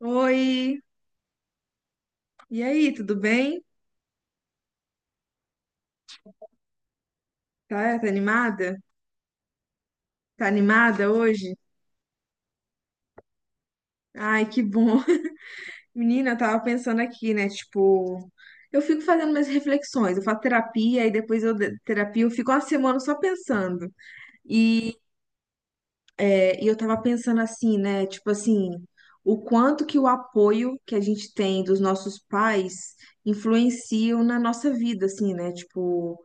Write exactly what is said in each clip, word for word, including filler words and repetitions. Oi, e aí, tudo bem? Tá, tá animada? Tá animada hoje? Ai, que bom. Menina, eu tava pensando aqui, né? Tipo, eu fico fazendo minhas reflexões, eu faço terapia e depois eu de- terapia, eu fico uma semana só pensando. E, é, e eu tava pensando assim, né? Tipo assim, o quanto que o apoio que a gente tem dos nossos pais influenciam na nossa vida, assim, né? Tipo,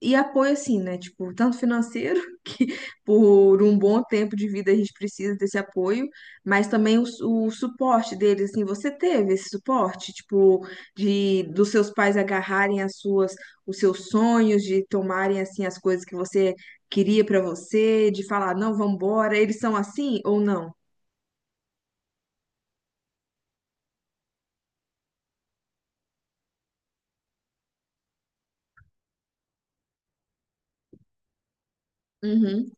e apoio, assim, né? Tipo, tanto financeiro, que por um bom tempo de vida a gente precisa desse apoio, mas também o, su- o suporte deles, assim, você teve esse suporte, tipo, de dos seus pais agarrarem as suas, os seus sonhos, de tomarem, assim, as coisas que você queria pra você, de falar, não, vambora, eles são assim ou não? Uhum,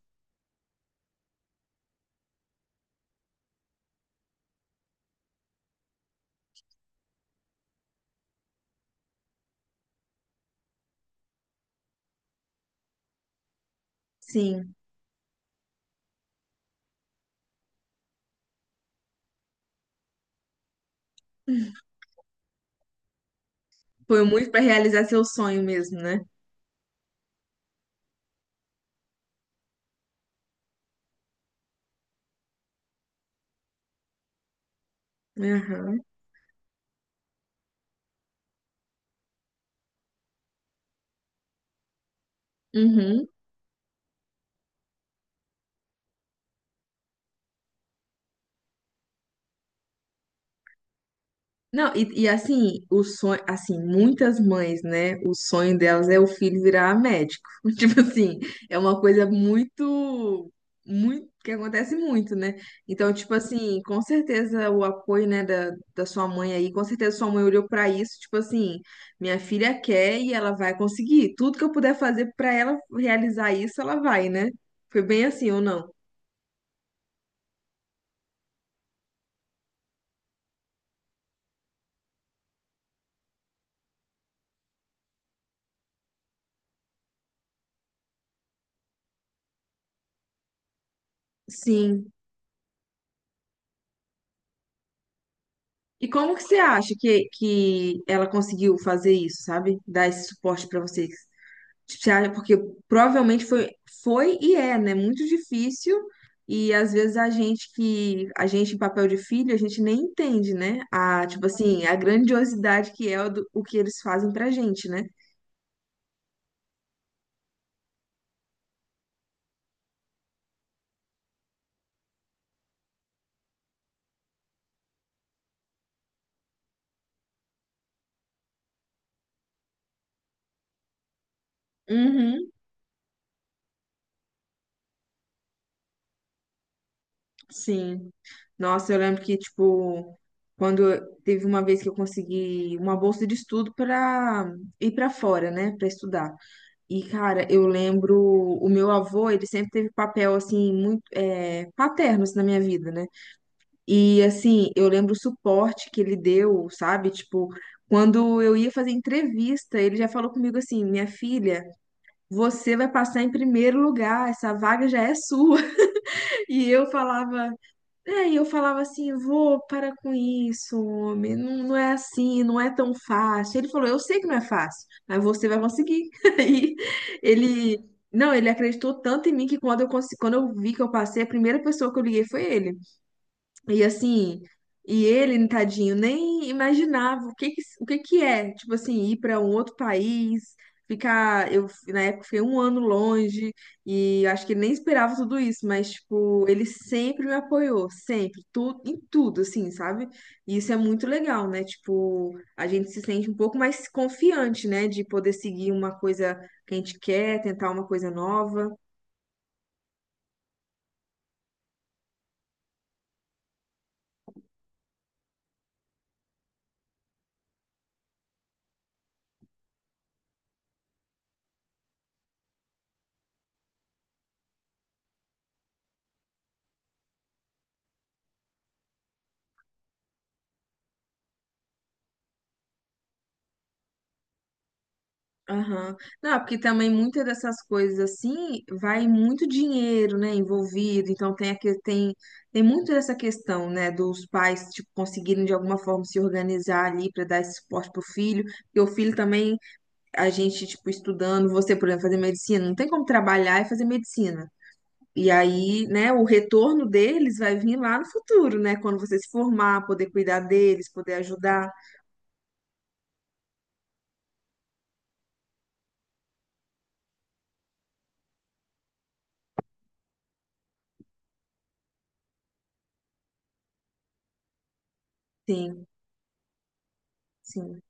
sim. Foi muito pra realizar seu sonho mesmo, né? Aham. Uhum. Não, e, e assim, o sonho, assim, muitas mães, né? O sonho delas é o filho virar médico. Tipo assim, é uma coisa muito, muito, que acontece muito, né? Então, tipo assim, com certeza o apoio, né, da, da sua mãe aí, com certeza sua mãe olhou pra isso, tipo assim, minha filha quer e ela vai conseguir. Tudo que eu puder fazer pra ela realizar isso, ela vai, né? Foi bem assim ou não? Sim. E como que você acha que, que ela conseguiu fazer isso, sabe? Dar esse suporte pra vocês? Tipo, você acha- porque provavelmente foi, foi e é, né? Muito difícil. E às vezes a gente que, a gente em papel de filho, a gente nem entende, né? A, tipo assim, a grandiosidade que é o, do- o que eles fazem pra gente, né? Uhum, sim. Nossa, eu lembro que, tipo, quando eu- teve uma vez que eu consegui uma bolsa de estudo para ir para fora, né? Para estudar. E, cara, eu lembro, o meu avô, ele sempre teve papel, assim, muito é, paterno, assim, na minha vida, né? E, assim, eu lembro o suporte que ele deu, sabe? Tipo, quando eu ia fazer entrevista, ele já falou comigo assim, minha filha, você vai passar em primeiro lugar, essa vaga já é sua. E eu falava, é, e eu falava assim, vô, para com isso, homem, não, não é assim, não é tão fácil. Ele falou, eu sei que não é fácil, mas você vai conseguir. Aí ele, não, ele acreditou tanto em mim que quando eu, consi- quando eu vi que eu passei, a primeira pessoa que eu liguei foi ele. E assim, e ele, tadinho, nem imaginava o que que, o que que é, tipo assim, ir para um outro país, ficar, eu na época fiquei um ano longe e acho que ele nem esperava tudo isso, mas tipo, ele sempre me apoiou, sempre, tudo, em tudo, assim, sabe? E isso é muito legal, né? Tipo, a gente se sente um pouco mais confiante, né, de poder seguir uma coisa que a gente quer, tentar uma coisa nova. Aham. Não, porque também muitas dessas coisas assim vai muito dinheiro, né, envolvido. Então tem aqui tem tem muito dessa questão, né, dos pais tipo conseguirem de alguma forma se organizar ali para dar esse suporte pro filho. E o filho também a gente tipo estudando, você, por exemplo, fazer medicina, não tem como trabalhar e fazer medicina. E aí, né, o retorno deles vai vir lá no futuro, né, quando você se formar, poder cuidar deles, poder ajudar. Sim, sim,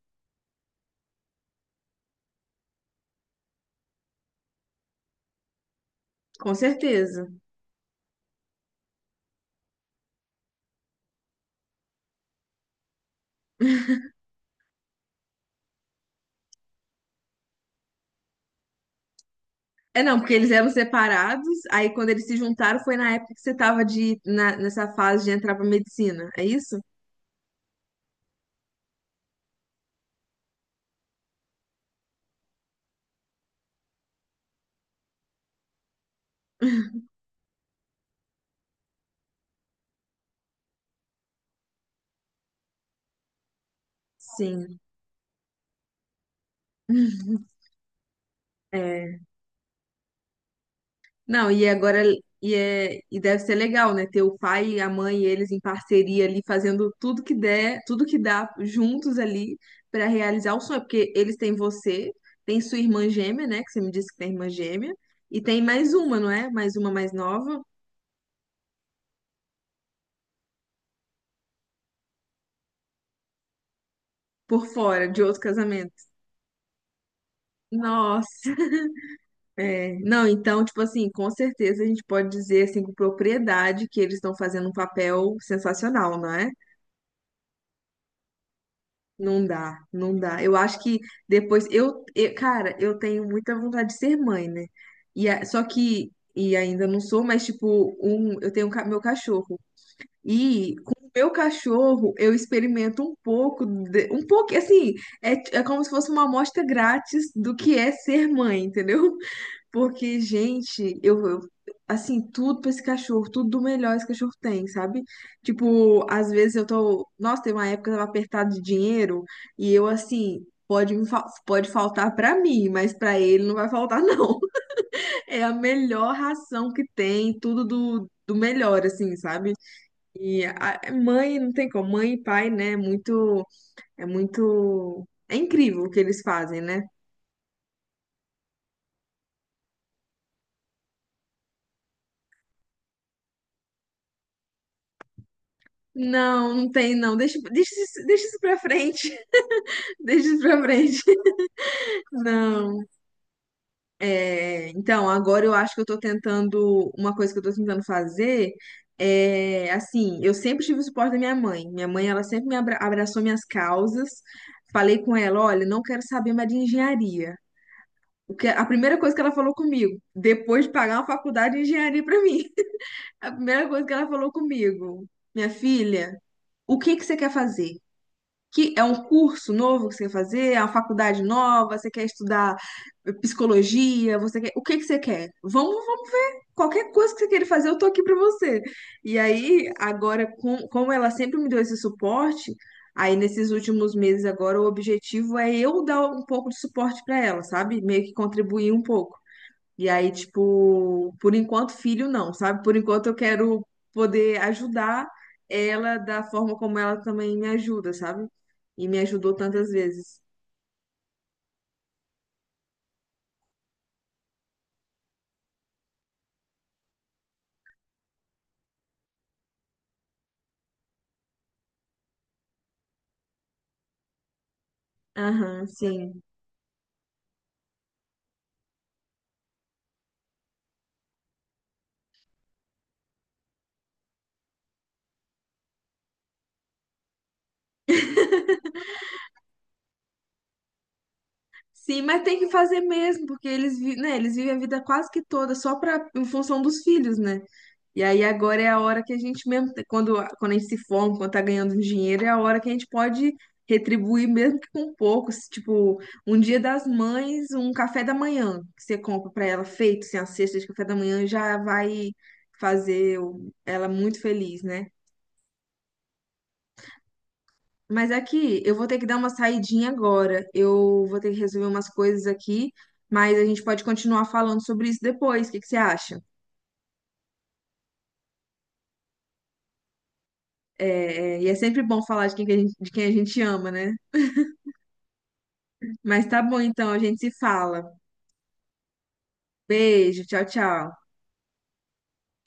com certeza. É, não, porque eles eram separados, aí quando eles se juntaram foi na época que você tava de, na- nessa fase de entrar pra medicina, é isso? Sim. É. Não, e agora e, é, e deve ser legal, né? Ter o pai, a mãe e eles em parceria ali, fazendo tudo que der, tudo que dá juntos ali pra realizar o sonho, porque eles têm você, tem sua irmã gêmea, né? Que você me disse que tem irmã gêmea, e tem mais uma, não é? Mais uma mais nova por fora de outro casamento. Nossa. É, não, então, tipo assim, com certeza a gente pode dizer assim com propriedade que eles estão fazendo um papel sensacional, não é? Não dá, não dá. Eu acho que depois eu, eu- cara, eu tenho muita vontade de ser mãe, né? E a- só que e ainda não sou, mas tipo, um, eu tenho um ca- meu cachorro. E com o meu cachorro eu experimento um pouco, de- um pouco assim, é, é como se fosse uma amostra grátis do que é ser mãe, entendeu? Porque, gente, eu, eu- assim, tudo pra esse cachorro, tudo do melhor esse cachorro tem, sabe? Tipo, às vezes eu tô. Nossa, tem uma época que eu tava apertado de dinheiro e eu, assim, pode, me fal- pode faltar pra mim, mas pra ele não vai faltar, não. É a melhor ração que tem, tudo do, do melhor, assim, sabe? E a a mãe, não tem como, mãe e pai, né? É muito. É muito. É incrível o que eles fazem, né? Não, não tem, não. Deixa, deixa, isso- deixa isso pra frente. Deixa isso pra frente. Não. É, então, agora eu acho que eu tô tentando. Uma coisa que eu tô tentando fazer é assim, eu sempre tive o suporte da minha mãe. Minha mãe, ela sempre me abra- abraçou minhas causas. Falei com ela, olha, não quero saber mais de engenharia. O que, a primeira coisa que ela falou comigo, depois de pagar uma faculdade de engenharia pra mim, a primeira coisa que ela falou comigo, minha filha, o que que você quer fazer? Que é um curso novo que você quer fazer, é uma faculdade nova, você quer estudar eh, psicologia, você quer, o que que você quer? Vamos, vamos ver. Qualquer coisa que você queira fazer, eu tô aqui pra você. E aí, agora, com, como ela sempre me deu esse suporte, aí nesses últimos meses agora o objetivo é eu dar um pouco de suporte pra ela, sabe? Meio que contribuir um pouco. E aí, tipo, por enquanto, filho não, sabe? Por enquanto, eu quero poder ajudar ela da forma como ela também me ajuda, sabe? E me ajudou tantas vezes. Aham, sim. Sim, mas tem que fazer mesmo, porque eles, vi- né, eles vivem a vida quase que toda só pra, em função dos filhos, né? E aí agora é a hora que a gente mesmo, quando, quando a gente se forma, quando tá ganhando um dinheiro, é a hora que a gente pode retribuir mesmo que com pouco, se, tipo, um dia das mães, um café da manhã que você compra pra ela feito, assim, a cesta de café da manhã já vai fazer o- ela muito feliz, né? Mas aqui, eu vou ter que dar uma saidinha agora. Eu vou ter que resolver umas coisas aqui, mas a gente pode continuar falando sobre isso depois. O que que você acha? É, é, e é sempre bom falar de quem, que a gente, de quem a gente ama, né? Mas tá bom, então, a gente se fala. Beijo, tchau, tchau.